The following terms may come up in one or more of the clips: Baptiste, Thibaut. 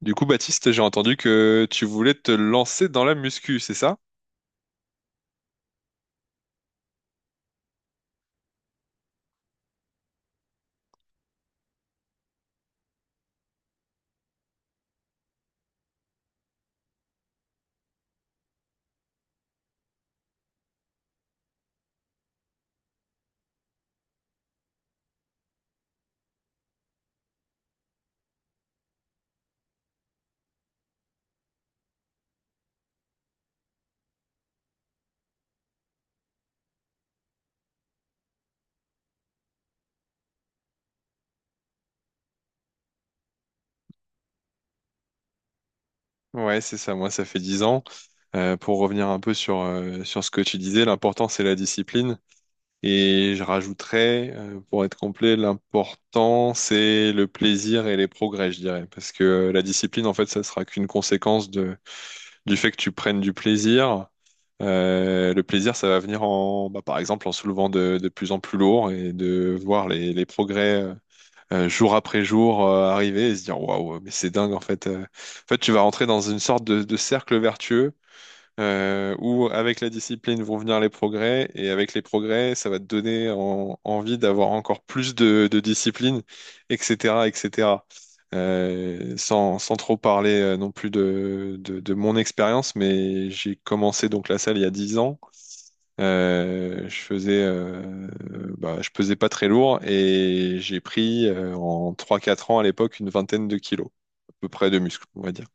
Du coup, Baptiste, j'ai entendu que tu voulais te lancer dans la muscu, c'est ça? Ouais, c'est ça. Moi, ça fait 10 ans. Pour revenir un peu sur ce que tu disais, l'important, c'est la discipline. Et je rajouterais, pour être complet, l'important, c'est le plaisir et les progrès, je dirais. Parce que la discipline, en fait, ça sera qu'une conséquence du fait que tu prennes du plaisir. Le plaisir, ça va venir bah, par exemple, en soulevant de plus en plus lourd et de voir les progrès jour après jour arriver et se dire, waouh, mais c'est dingue, en fait. En fait, tu vas rentrer dans une sorte de cercle vertueux où avec la discipline vont venir les progrès, et avec les progrès, ça va te donner envie d'avoir encore plus de discipline, etc., etc. Sans trop parler non plus de mon expérience, mais j'ai commencé donc la salle il y a 10 ans. Euh, je faisais, euh, je pesais pas très lourd et j'ai pris en trois quatre ans à l'époque une vingtaine de kilos, à peu près de muscles, on va dire.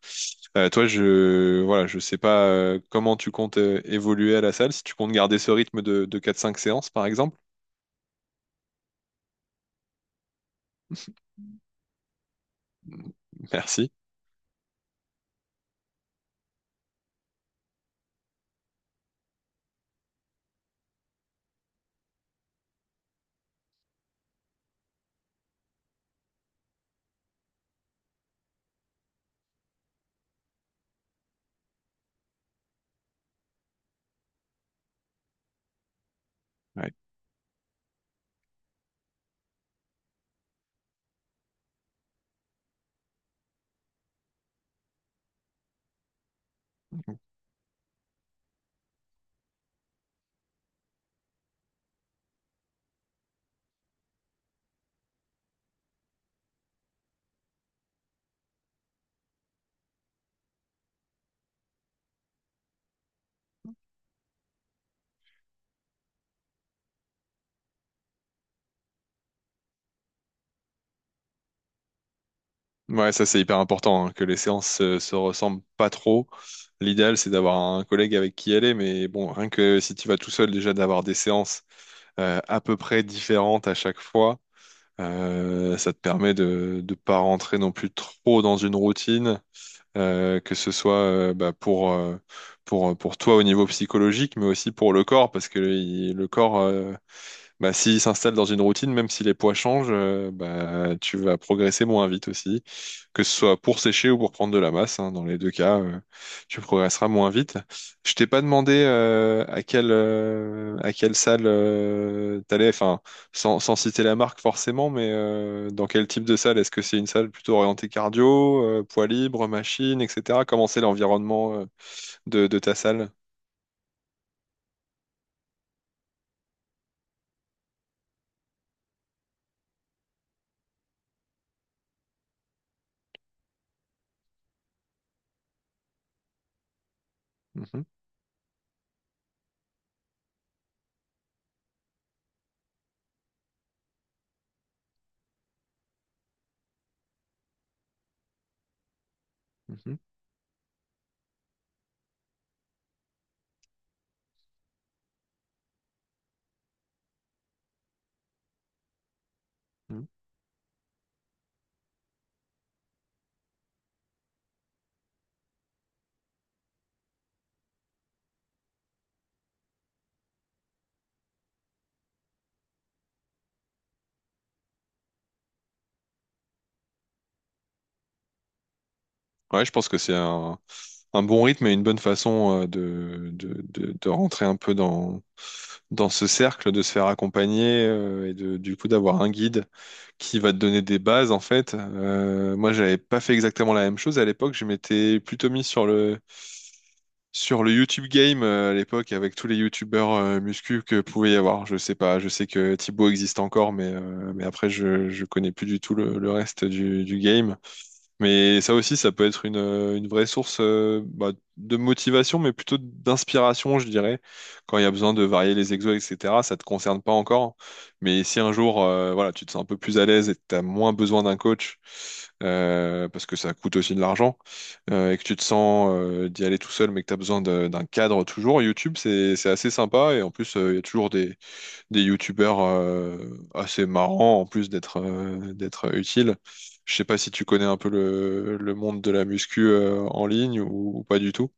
Toi, je voilà, je sais pas comment tu comptes évoluer à la salle, si tu comptes garder ce rythme de 4-5 séances par exemple. Merci. Ouais, ouais, ça c'est hyper important, hein, que les séances se ressemblent pas trop. L'idéal c'est d'avoir un collègue avec qui aller, mais bon, rien que si tu vas tout seul déjà d'avoir des séances à peu près différentes à chaque fois. Ça te permet de ne pas rentrer non plus trop dans une routine, que ce soit pour toi au niveau psychologique, mais aussi pour le corps, parce que le corps, s'il s'installe dans une routine, même si les poids changent, tu vas progresser moins vite aussi. Que ce soit pour sécher ou pour prendre de la masse, hein, dans les deux cas, tu progresseras moins vite. Je t'ai pas demandé à quelle salle t'allais, enfin, sans citer la marque forcément, mais dans quel type de salle? Est-ce que c'est une salle plutôt orientée cardio, poids libre, machine, etc. Comment c'est l'environnement de ta salle? Mhm, mhm, mhm. Ouais, je pense que c'est un bon rythme et une bonne façon de rentrer un peu dans ce cercle, de se faire accompagner du coup d'avoir un guide qui va te donner des bases en fait. Moi, j'avais pas fait exactement la même chose à l'époque. Je m'étais plutôt mis sur le YouTube Game à l'époque avec tous les YouTubeurs muscu que pouvait y avoir. Je sais pas. Je sais que Thibaut existe encore, mais après je connais plus du tout le reste du game. Mais ça aussi, ça peut être une vraie source de motivation, mais plutôt d'inspiration, je dirais. Quand il y a besoin de varier les exos, etc., ça te concerne pas encore. Mais si un jour, voilà, tu te sens un peu plus à l'aise et que tu as moins besoin d'un coach, parce que ça coûte aussi de l'argent, et que tu te sens d'y aller tout seul, mais que tu as besoin d'un cadre toujours, YouTube, c'est assez sympa. Et en plus, il y a toujours des youtubeurs assez marrants en plus d'être d'être utiles. Je sais pas si tu connais un peu le monde de la muscu en ligne ou pas du tout.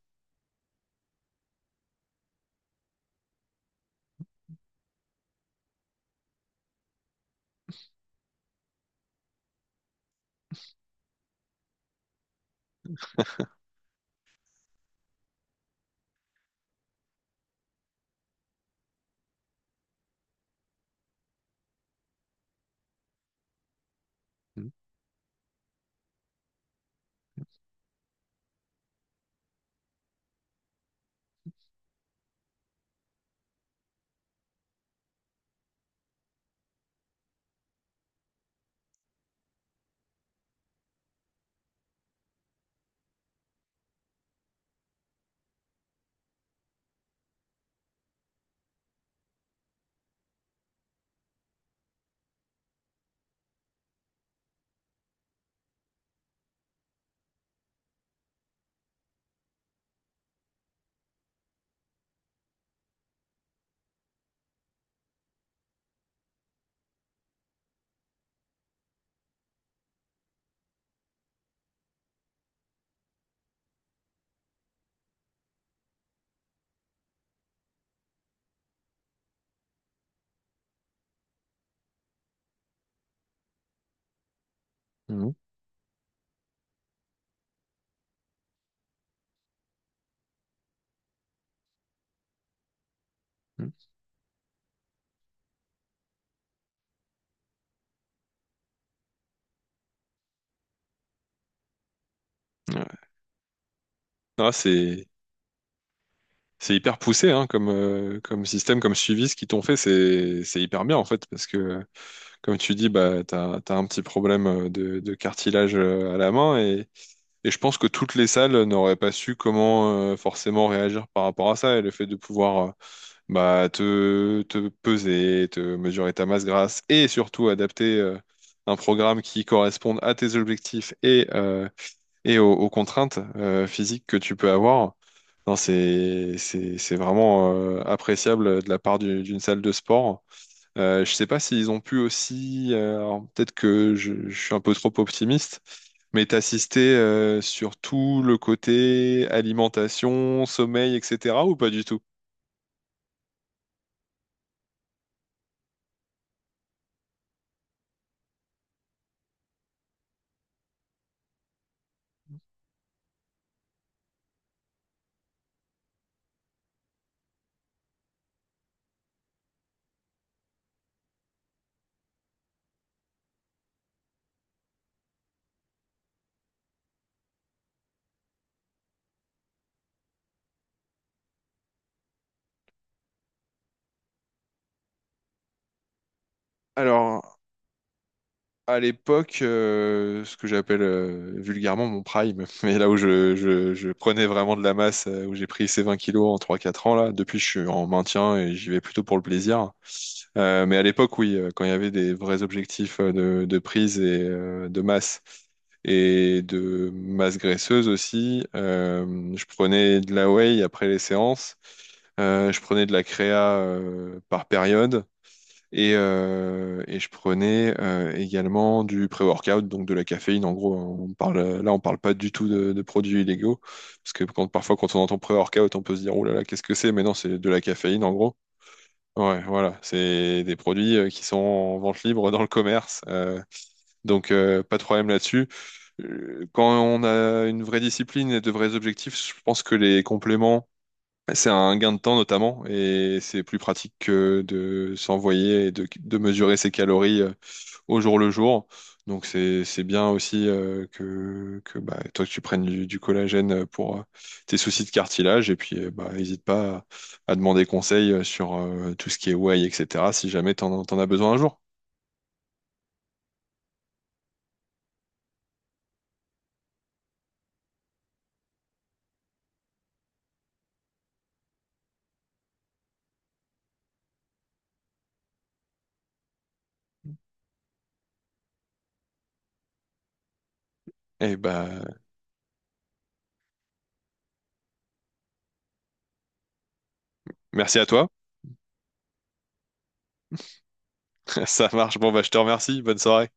Mhm. Mhm. Mhm. Ouais. Ah, c'est hyper poussé, hein, comme comme système, comme suivi. Ce qu'ils t'ont fait, c'est hyper bien en fait parce que comme tu dis, bah t'as un petit problème de cartilage à la main et je pense que toutes les salles n'auraient pas su comment forcément réagir par rapport à ça et le fait de pouvoir te peser, te mesurer ta masse grasse et surtout adapter un programme qui corresponde à tes objectifs et aux contraintes physiques que tu peux avoir. Non, c'est vraiment appréciable de la part d'une salle de sport. Je sais pas s'ils ont pu aussi, alors peut-être que je suis un peu trop optimiste, mais t'assister sur tout le côté alimentation, sommeil, etc. ou pas du tout? Alors, à l'époque, ce que j'appelle vulgairement mon prime, mais là où je prenais vraiment de la masse, où j'ai pris ces 20 kilos en trois quatre ans, là, depuis je suis en maintien et j'y vais plutôt pour le plaisir. Mais à l'époque, oui, quand il y avait des vrais objectifs de prise et de masse et de masse graisseuse aussi, je prenais de la whey après les séances. Je prenais de la créa par période et je prenais également du pré-workout, donc de la caféine. En gros, on parle pas du tout de produits illégaux, parce que parfois, quand on entend pré-workout, on peut se dire, oh là là, qu'est-ce que c'est? Mais non, c'est de la caféine, en gros. Ouais, voilà, c'est des produits qui sont en vente libre dans le commerce, pas de problème là-dessus. Quand on a une vraie discipline et de vrais objectifs, je pense que les compléments c'est un gain de temps notamment, et c'est plus pratique que de s'envoyer et de mesurer ses calories au jour le jour. Donc c'est bien aussi que toi que tu prennes du collagène pour tes soucis de cartilage, et puis n'hésite pas à demander conseil sur tout ce qui est whey, etc. si jamais t'en as besoin un jour. Et bah merci à toi, ça marche, bon bah je te remercie, bonne soirée.